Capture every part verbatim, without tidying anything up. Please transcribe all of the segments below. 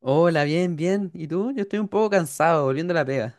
Hola, bien, bien. ¿Y tú? Yo estoy un poco cansado, volviendo a la pega.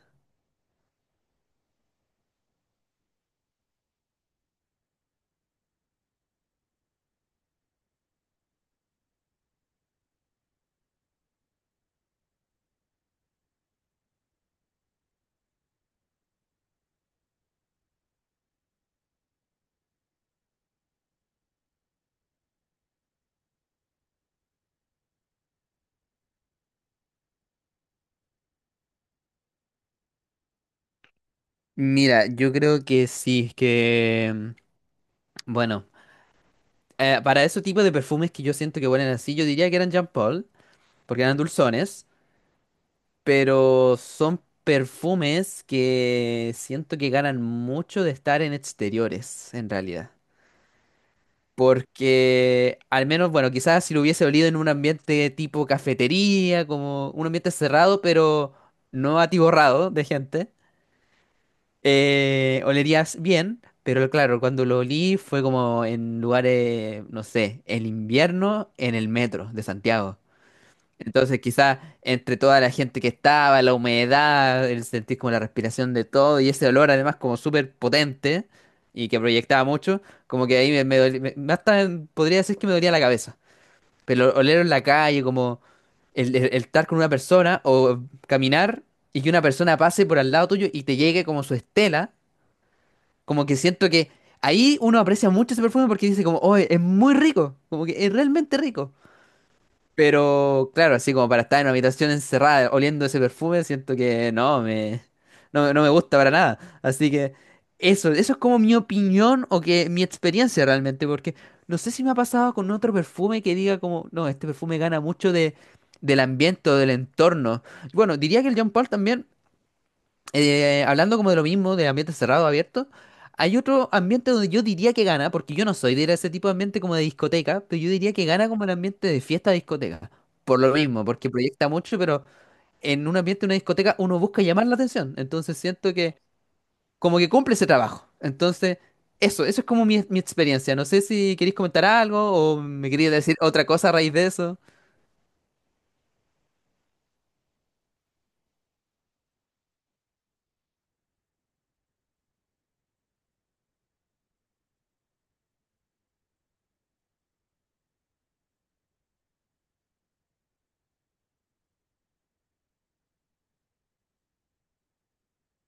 Mira, yo creo que sí, que... mm, Bueno, eh, para ese tipo de perfumes que yo siento que huelen así, yo diría que eran Jean Paul, porque eran dulzones, pero son perfumes que siento que ganan mucho de estar en exteriores, en realidad. Porque, al menos, bueno, quizás si lo hubiese olido en un ambiente tipo cafetería, como un ambiente cerrado, pero no atiborrado de gente. Eh, olerías bien, pero claro, cuando lo olí fue como en lugares, no sé, el invierno en el metro de Santiago. Entonces quizás entre toda la gente que estaba, la humedad, el sentir como la respiración de todo y ese olor además como súper potente y que proyectaba mucho, como que ahí me, me doli- me- me hasta podría decir que me dolía la cabeza. Pero oler en la calle, como el, el- el estar con una persona o caminar y que una persona pase por al lado tuyo y te llegue como su estela. Como que siento que ahí uno aprecia mucho ese perfume porque dice como, oh, es muy rico, como que es realmente rico. Pero claro, así como para estar en una habitación encerrada oliendo ese perfume, siento que no me, no, no me gusta para nada. Así que eso, eso es como mi opinión o que mi experiencia realmente, porque no sé si me ha pasado con otro perfume que diga como, no, este perfume gana mucho de, del ambiente o del entorno. Bueno, diría que el Jean Paul también eh, hablando como de lo mismo, de ambiente cerrado, abierto, hay otro ambiente donde yo diría que gana, porque yo no soy de ir a ese tipo de ambiente como de discoteca, pero yo diría que gana como el ambiente de fiesta discoteca. Por lo mismo, porque proyecta mucho, pero en un ambiente de una discoteca uno busca llamar la atención. Entonces siento que como que cumple ese trabajo. Entonces, eso, eso es como mi, mi experiencia. No sé si queréis comentar algo o me queréis decir otra cosa a raíz de eso.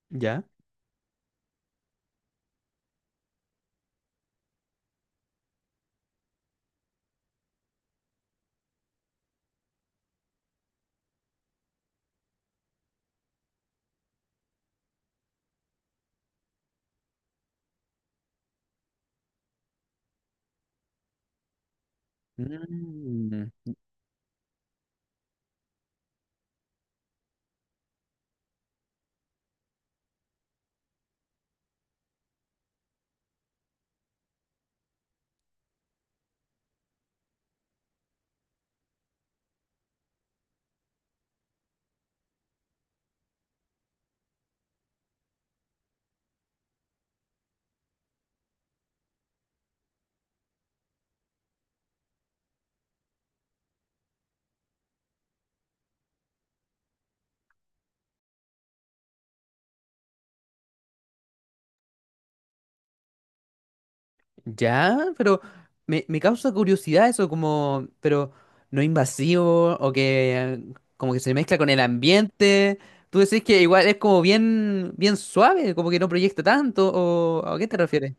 ¿Ya? Mm. Ya, pero me, me causa curiosidad eso, como, pero no invasivo o que como que se mezcla con el ambiente. Tú decís que igual es como bien, bien suave, como que no proyecta tanto, o ¿a qué te refieres?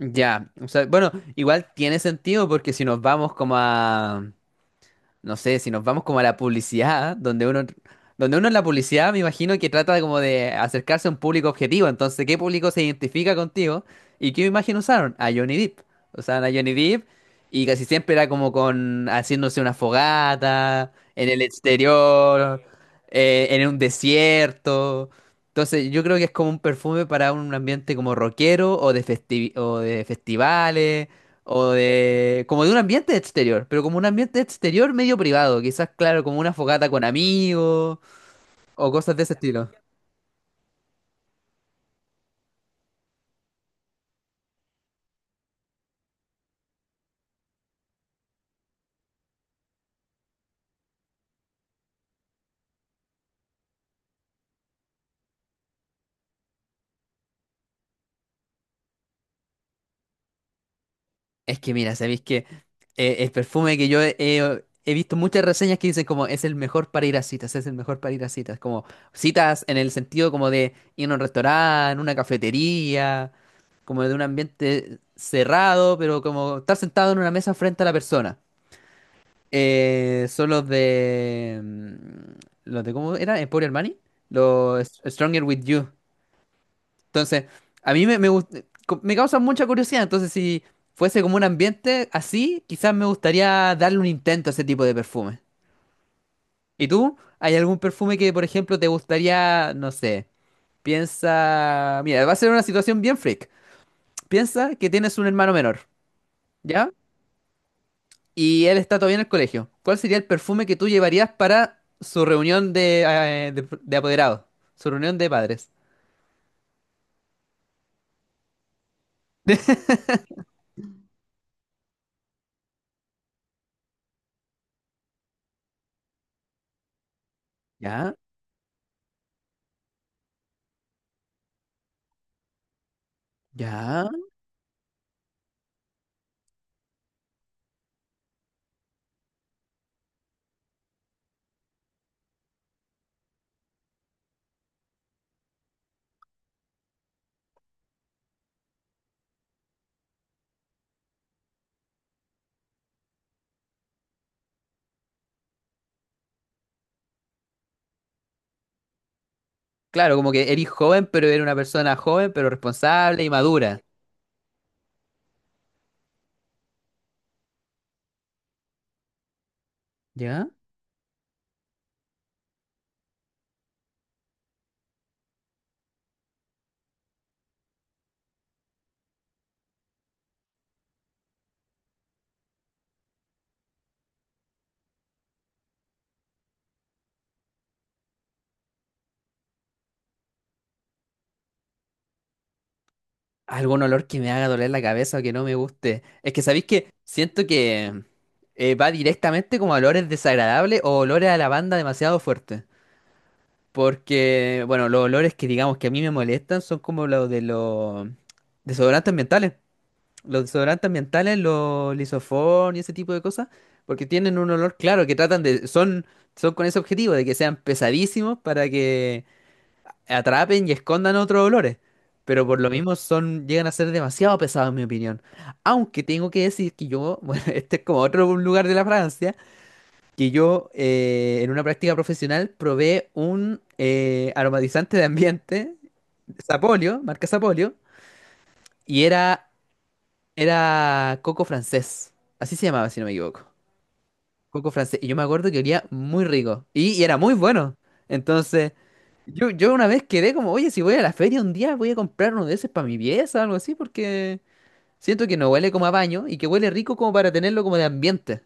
Ya, o sea, bueno, igual tiene sentido porque si nos vamos como a no sé, si nos vamos como a la publicidad, donde uno, donde uno en la publicidad me imagino que trata de como de acercarse a un público objetivo. Entonces, ¿qué público se identifica contigo? ¿Y qué imagen usaron? A Johnny Depp. Usaban a Johnny Depp y casi siempre era como con haciéndose una fogata, en el exterior, eh, en un desierto. Entonces, yo creo que es como un perfume para un ambiente como rockero o de festi- o de festivales o de, como de un ambiente exterior, pero como un ambiente exterior medio privado, quizás, claro, como una fogata con amigos o cosas de ese estilo. Es que mira, sabéis que eh, el perfume que yo he, he- he visto muchas reseñas que dicen como es el mejor para ir a citas, es el mejor para ir a citas, como citas en el sentido como de ir a un restaurante, una cafetería, como de un ambiente cerrado, pero como estar sentado en una mesa frente a la persona. Eh, son los de. Mm, Los de ¿cómo era? Emporio Armani. Los Stronger With You. Entonces, a mí me, me, gust- co- me causa mucha curiosidad. Entonces, si fuese como un ambiente así, quizás me gustaría darle un intento a ese tipo de perfume. ¿Y tú? ¿Hay algún perfume que, por ejemplo, te gustaría, no sé, piensa? Mira, va a ser una situación bien freak. Piensa que tienes un hermano menor, ¿ya? Y él está todavía en el colegio. ¿Cuál sería el perfume que tú llevarías para su reunión de, eh, de, de apoderados? Su reunión de padres. ¿Ya? ¿Ya? Claro, como que eres joven, pero eres una persona joven, pero responsable y madura. ¿Ya? Algún olor que me haga doler la cabeza o que no me guste. Es que sabéis que siento que eh, va directamente como a olores desagradables o olores a lavanda demasiado fuertes. Porque, bueno, los olores que digamos que a mí me molestan son como los de los desodorantes ambientales. Los desodorantes ambientales, los lisofón y ese tipo de cosas, porque tienen un olor claro que tratan de, son, son con ese objetivo de que sean pesadísimos para que atrapen y escondan otros olores. Pero por lo Mm. mismo son, llegan a ser demasiado pesados en mi opinión. Aunque tengo que decir que yo, bueno, este es como otro lugar de la Francia, que yo eh, en una práctica profesional probé un eh, aromatizante de ambiente, Sapolio, marca Sapolio, y era era coco francés. Así se llamaba, si no me equivoco. Coco francés. Y yo me acuerdo que olía muy rico. Y, y era muy bueno. Entonces, yo, yo una vez quedé como, oye, si voy a la feria un día, voy a comprar uno de esos para mi pieza o algo así, porque siento que no huele como a baño y que huele rico como para tenerlo como de ambiente.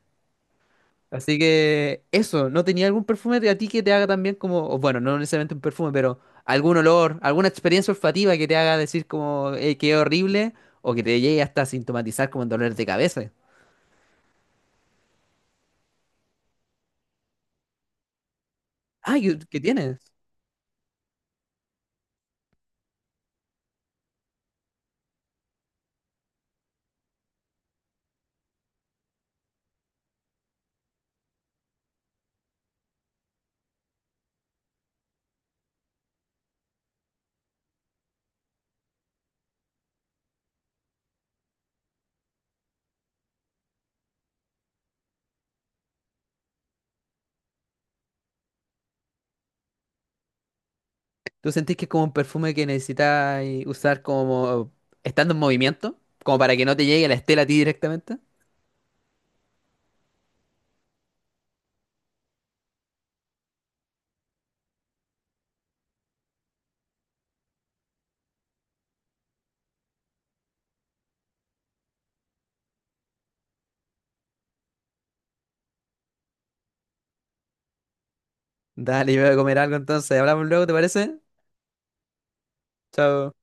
Así que eso, ¿no tenía algún perfume de a ti que te haga también como, o bueno, no necesariamente un perfume, pero algún olor, alguna experiencia olfativa que te haga decir como, que qué horrible, o que te llegue hasta a sintomatizar como dolor de cabeza? Ah, ¿qué, qué tienes? ¿Tú sentís que es como un perfume que necesitas eh, usar como estando en movimiento? Como para que no te llegue la estela a ti directamente. Dale, yo voy a comer algo entonces. Hablamos luego, ¿te parece? Chao.